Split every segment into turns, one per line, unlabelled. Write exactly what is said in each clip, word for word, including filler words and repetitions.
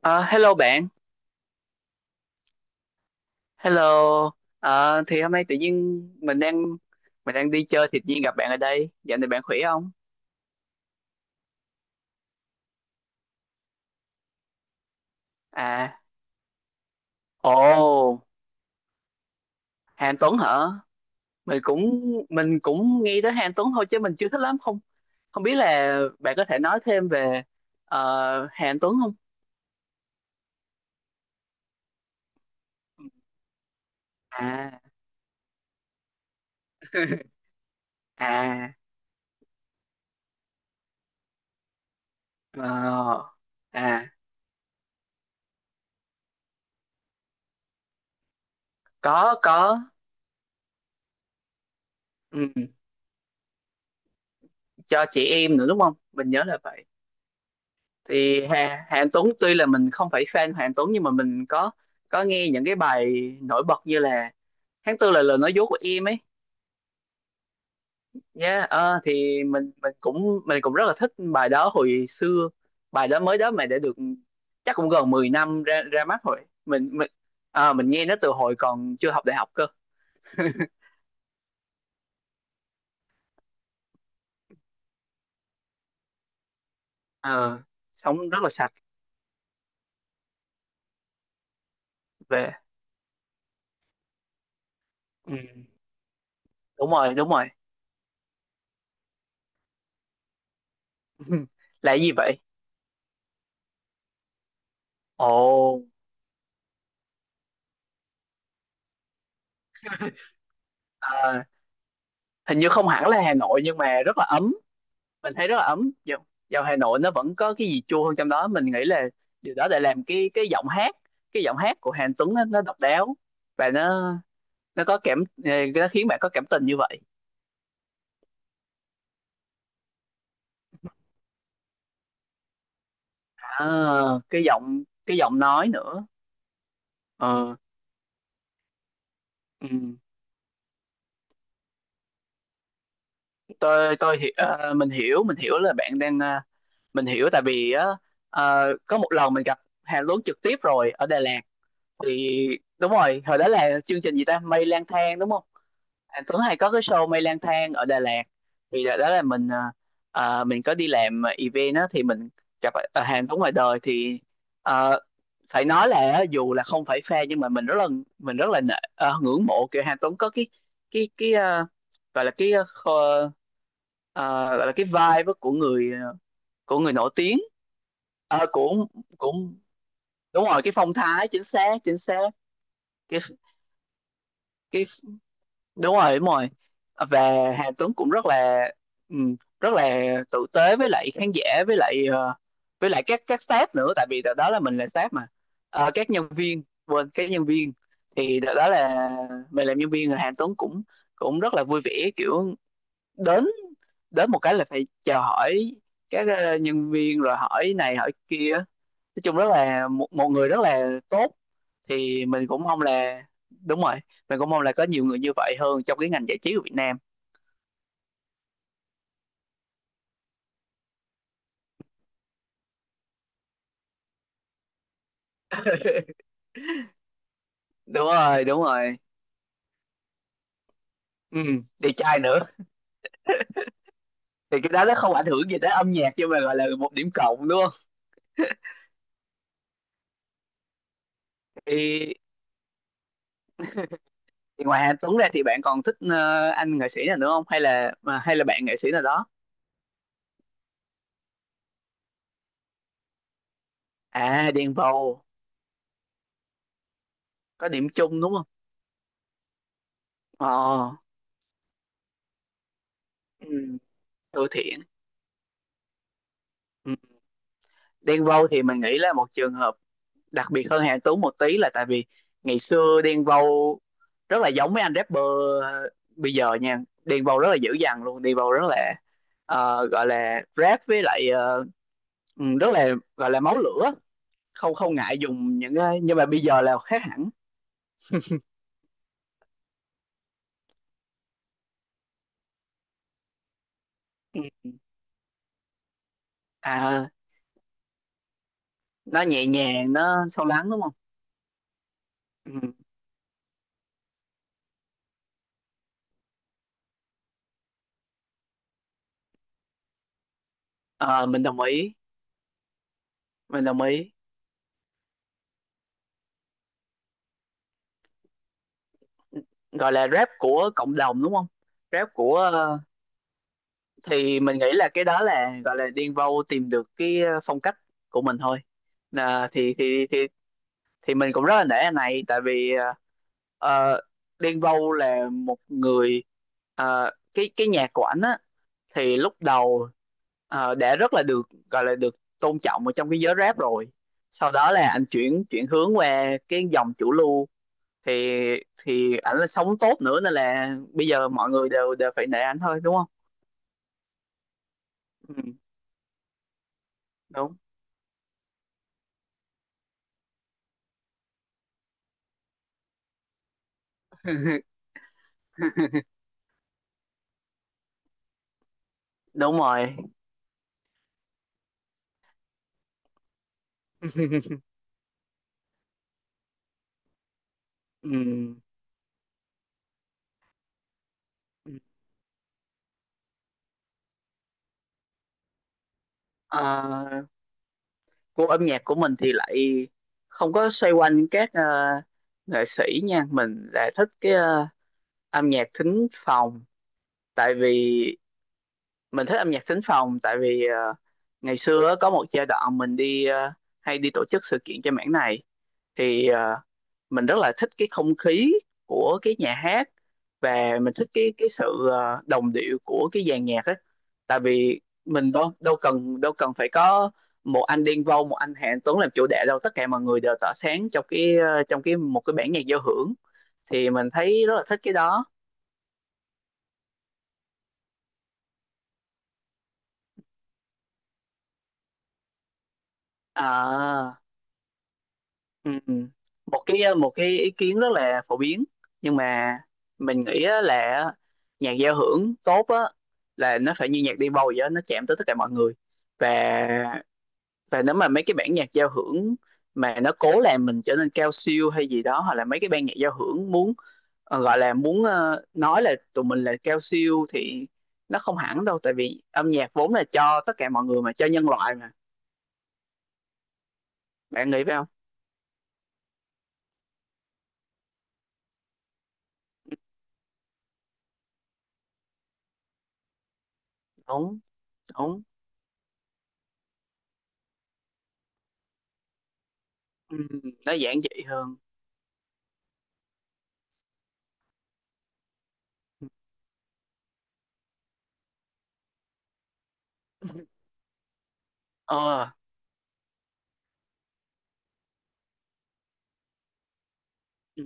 Ờ, Hello bạn, hello. Ờ, thì hôm nay tự nhiên mình đang mình đang đi chơi thì tự nhiên gặp bạn ở đây. Dạo này bạn khỏe không? À, ồ, Hàn Tuấn hả? Mình cũng mình cũng nghe tới Hàn Tuấn thôi chứ mình chưa thích lắm không. Không biết là bạn có thể nói thêm về ờ, Hàn Tuấn không? À, à, ờ, à, có có, ừ, cho chị em nữa đúng không? Mình nhớ là vậy. Thì Hà, Hà Anh Tuấn tuy là mình không phải fan Hà Anh Tuấn, nhưng mà mình có có nghe những cái bài nổi bật như là tháng tư là lời nói dối của em ấy. Yeah, ờ, thì mình mình cũng mình cũng rất là thích bài đó hồi xưa. Bài đó mới đó mà đã được chắc cũng gần mười năm ra ra mắt rồi. mình mình ờ, mình nghe nó từ hồi còn chưa học đại học cơ. Ờ, Sống rất là sạch. Về, ừ, đúng rồi, đúng rồi. Là cái gì vậy? Ồ, à, hình như không hẳn là Hà Nội nhưng mà rất là ấm. Mình thấy rất là ấm. Dạo, dạo Hà Nội nó vẫn có cái gì chua hơn trong đó, mình nghĩ là điều đó để làm cái cái giọng hát, cái giọng hát của Hàn Tuấn nó, nó độc đáo. Và nó nó có cảm, ờ, nó khiến bạn có cảm tình như vậy. à, cái giọng cái giọng nói nữa. Ờ, ừ. Tôi tôi hi- ờ, mình hiểu, mình hiểu là bạn đang, ờ, mình hiểu tại vì á, ờ, có một lần mình gặp Hàn Tuấn trực tiếp rồi ở Đà Lạt. Thì đúng rồi, hồi đó là chương trình gì ta, mây lang thang đúng không? Anh Tuấn hay có cái show Mây Lang Thang ở Đà Lạt. Thì đó đó là mình, à, à, mình có đi làm ờ, event đó, thì mình gặp, à, hàng Tuấn ngoài đời. Thì ờ, phải nói là á, dù là không phải fan nhưng mà mình rất là mình rất là nể- ờ, ngưỡng mộ, kiểu hàng Tuấn có cái, cái cái ờ, gọi là cái, ờ, kho- ờ, gọi là cái vibe á của người, ờ, của người nổi tiếng. Ờ, của, cũng đúng rồi, cái phong thái chính xác, chính xác. cái cái đúng rồi, đúng rồi. Và Hà Tuấn cũng rất là, ừm, rất là tử tế với lại khán giả, với lại ờ, với lại các các staff nữa, tại vì đợt đó là mình là staff mà. Ờ, các nhân viên, quên, các nhân viên. Thì đợt đó là mình làm nhân viên, rồi Hà Tuấn cũng cũng rất là vui vẻ, kiểu đến đến một cái là phải chào hỏi các ờ, nhân viên rồi hỏi này hỏi kia. Nói chung rất là một, một người rất là tốt. Thì mình cũng mong là, đúng rồi, mình cũng mong là có nhiều người như vậy hơn trong cái ngành giải trí của Việt Nam. Đúng rồi, đúng rồi. Ừ, đẹp trai nữa. Thì cái đó nó không ảnh hưởng gì tới âm nhạc nhưng mà gọi là một điểm cộng đúng không? Thì, thì ngoài Hà Tuấn ra thì bạn còn thích ờ, anh nghệ sĩ nào nữa không, hay là mà hay là bạn nghệ sĩ nào đó? À, Đen Vâu có điểm chung đúng không? Ờ, ừ, Thưa Thiện, ừ. Đen Vâu thì mình nghĩ là một trường hợp đặc biệt hơn Hà Anh Tú một tí, là tại vì ngày xưa Đen Vâu rất là giống mấy anh rapper ờ, bây giờ nha. Đen Vâu rất là dữ dằn luôn. Đen Vâu rất là, ờ, gọi là rap với lại, ờ, ừ, rất là, gọi là máu lửa. Không, không ngại dùng những cái, nhưng mà bây giờ là khác hẳn. Ừ. À, nó nhẹ nhàng, nó sâu lắng đúng không? Ừ. Ờ, mình đồng ý, mình đồng ý. Gọi là rap của cộng đồng đúng không? Rap của, ờ, thì mình nghĩ là cái đó là gọi là điên vâu tìm được cái, ờ, phong cách của mình thôi. à, thì thì thì thì mình cũng rất là nể anh này, tại vì ờ, ờ, điên vô là một người, ờ, cái cái nhạc của ảnh á, thì lúc đầu ờ, đã rất là được, gọi là được tôn trọng ở trong cái giới rap rồi. Sau đó là anh chuyển chuyển hướng qua cái dòng chủ lưu. Thì thì ảnh là sống tốt nữa, nên là bây giờ mọi người đều đều phải nể ảnh thôi đúng không? Ừ, đúng. Đúng rồi. Ừ. Ờ, Gu âm nhạc của mình thì lại không có xoay quanh các ờ, nghệ sĩ nha. Mình lại thích cái, ờ, âm nhạc thính phòng. Tại vì mình thích âm nhạc thính phòng tại vì, ờ, ngày xưa á, có một giai đoạn mình đi, ờ, hay đi tổ chức sự kiện cho mảng này. Thì ờ, mình rất là thích cái không khí của cái nhà hát, và mình thích cái cái sự, ờ, đồng điệu của cái dàn nhạc á. Tại vì mình đâu đâu cần đâu cần phải có một anh Đen Vâu, một anh Hà Anh Tuấn làm chủ đạo đâu, tất cả mọi người đều tỏa sáng trong cái, ờ, trong cái một cái bản nhạc giao hưởng. Thì mình thấy rất là thích cái đó. À, ừ, ừ. một cái ờ, một cái ý kiến rất là phổ biến. Nhưng mà mình nghĩ á, là nhạc giao hưởng tốt á là nó phải như nhạc Đen Vâu vậy đó, nó chạm tới tất cả mọi người. Và và nếu mà mấy cái bản nhạc giao hưởng mà nó cố làm mình trở nên cao siêu hay gì đó, hoặc là mấy cái ban nhạc giao hưởng muốn, ờ, gọi là muốn, ờ, nói là tụi mình là cao siêu thì nó không hẳn đâu, tại vì âm nhạc vốn là cho tất cả mọi người mà, cho nhân loại mà, bạn nghĩ phải không? Đúng, đúng. Ừ, nó giản dị hơn. ờ ừ.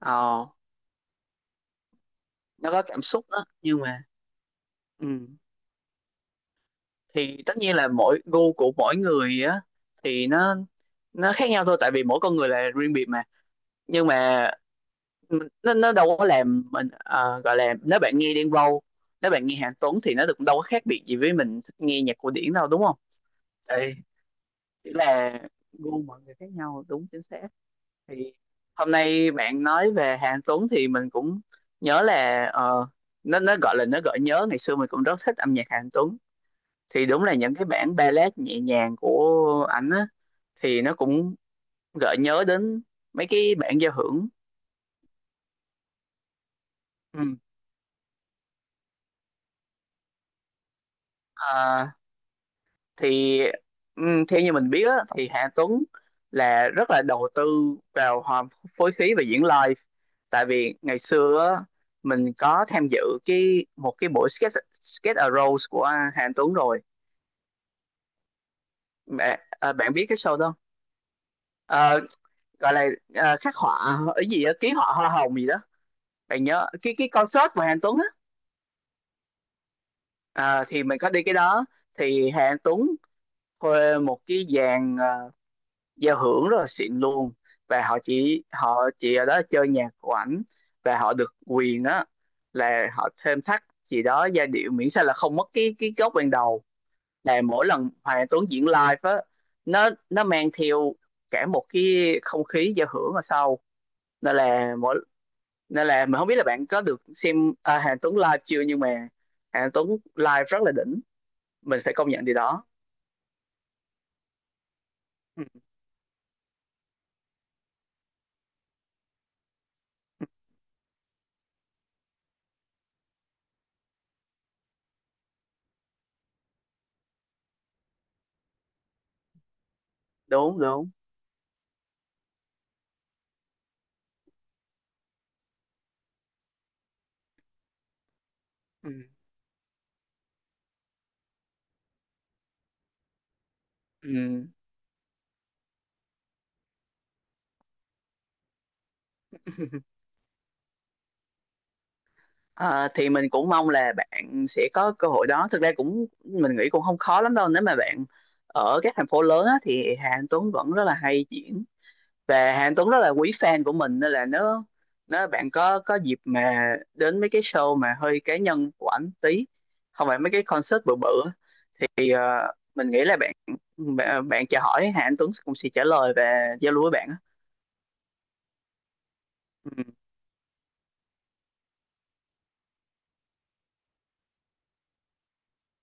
ờ nó có cảm xúc đó nhưng mà, ừ. Thì tất nhiên là mỗi gu của mỗi người á, thì nó nó khác nhau thôi, tại vì mỗi con người là riêng biệt. Nhưng mà nó nó đâu có làm mình, ờ, gọi là, nếu bạn nghe Đen Vâu, nếu bạn nghe Hà Tuấn thì nó cũng đâu có khác biệt gì với mình thích nghe nhạc cổ điển đâu đúng không? Ê, chỉ là gu mọi người khác nhau đúng, chính xác. Thì hôm nay bạn nói về Hà Tuấn thì mình cũng nhớ là, ờ, nó nó gọi là nó gợi nhớ ngày xưa mình cũng rất thích âm nhạc Hà Tuấn. Thì đúng là những cái bản ballad nhẹ nhàng của ảnh á, thì nó cũng gợi nhớ đến mấy cái bản giao hưởng. Ừ. Thì ừm, theo như mình biết á, thì Hà Tuấn là rất là đầu tư vào, hòm, phối khí và diễn live. Tại vì ngày xưa á, mình có tham dự cái một cái buổi, sketch sketch a Rose của Hà Tuấn rồi. Bạn, à, bạn biết cái show đó không? Ờ, Gọi là, à, khắc họa ở gì đó, ký họa hoa hồng gì đó. Bạn nhớ cái cái concert của Hà Tuấn á? Ờ, thì mình có đi cái đó. Thì Hà Tuấn thuê một cái dàn, ờ, giao hưởng rất là xịn luôn, và họ chỉ họ chỉ ở đó chơi nhạc của ảnh. Và họ được quyền á là họ thêm thắt gì đó giai điệu, miễn sao là không mất cái cái gốc ban đầu. Là mỗi lần Hoàng Anh Tuấn diễn live á, nó nó mang theo cả một cái không khí giao hưởng ở sau. Nên là mỗi nên là mình không biết là bạn có được xem, à, Hoàng Anh Tuấn live chưa, nhưng mà Hoàng Anh Tuấn live rất là đỉnh. Mình phải công nhận điều đó. Ừ, đúng, đúng, ừ. Ừ. Ờ, thì mình cũng mong là bạn sẽ có cơ hội đó. Thực ra cũng mình nghĩ cũng không khó lắm đâu. Nếu mà bạn ở các thành phố lớn á, thì Hà Anh Tuấn vẫn rất là hay diễn, và Hà Anh Tuấn rất là quý fan của mình. Nên là nếu nếu bạn có có dịp mà đến mấy cái show mà hơi cá nhân của ảnh tí, không phải mấy cái concert bự bự á, thì ờ, mình nghĩ là bạn bạn, bạn chào hỏi Hà Anh Tuấn cũng sẽ trả lời và giao lưu với bạn á. Ừ.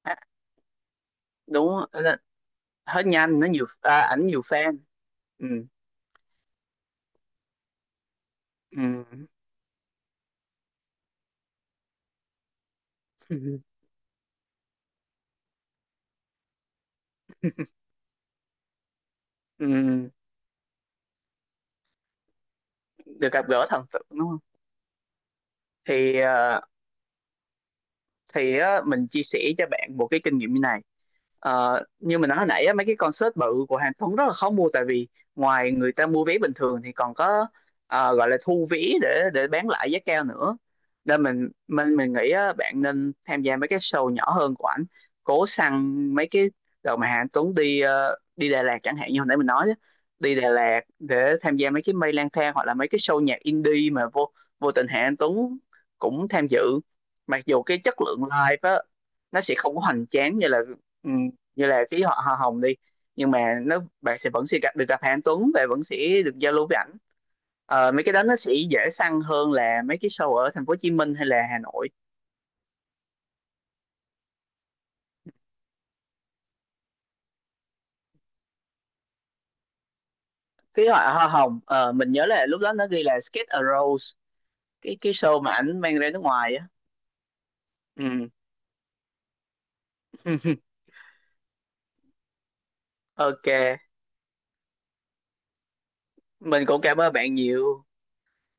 À, đúng là hết nhanh. Nó nhiều à, ảnh nhiều fan. Ừ. Ừ. Ừm, được gặp gỡ thần tượng đúng không? Thì ờ, thì á, mình chia sẻ cho bạn một cái kinh nghiệm như này. Ờ, như mình nói hồi nãy á, mấy cái concert bự của Hàn Tuấn rất là khó mua, tại vì ngoài người ta mua vé bình thường thì còn có, ờ, gọi là thu vé để để bán lại giá cao nữa. Nên mình mình mình nghĩ á, bạn nên tham gia mấy cái show nhỏ hơn của ảnh, cố săn mấy cái đợt mà Hàn Tuấn đi, ờ, đi Đà Lạt chẳng hạn, như hồi nãy mình nói á, đi Đà Lạt để tham gia mấy cái mây lang thang, hoặc là mấy cái show nhạc indie mà vô vô tình Hàn Tuấn cũng tham dự. Mặc dù cái chất lượng live á nó sẽ không có hoành tráng như là, ừ, như là phí họ hoa hồng đi, nhưng mà nó bạn sẽ vẫn sẽ gặp được gặp Hà Anh Tuấn và vẫn sẽ được giao lưu với ảnh. Ờ, mấy cái đó nó sẽ dễ săn hơn là mấy cái show ở thành phố Hồ Chí Minh hay là Hà Nội. Phí họ hoa hồng, ờ, mình nhớ là lúc đó nó ghi là Skate a Rose, cái cái show mà ảnh mang ra nước ngoài á. Ừ. Ok, mình cũng cảm ơn bạn nhiều.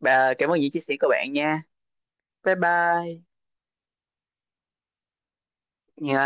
Bà, cảm ơn những chia sẻ của bạn nha. Bye bye. Dạ.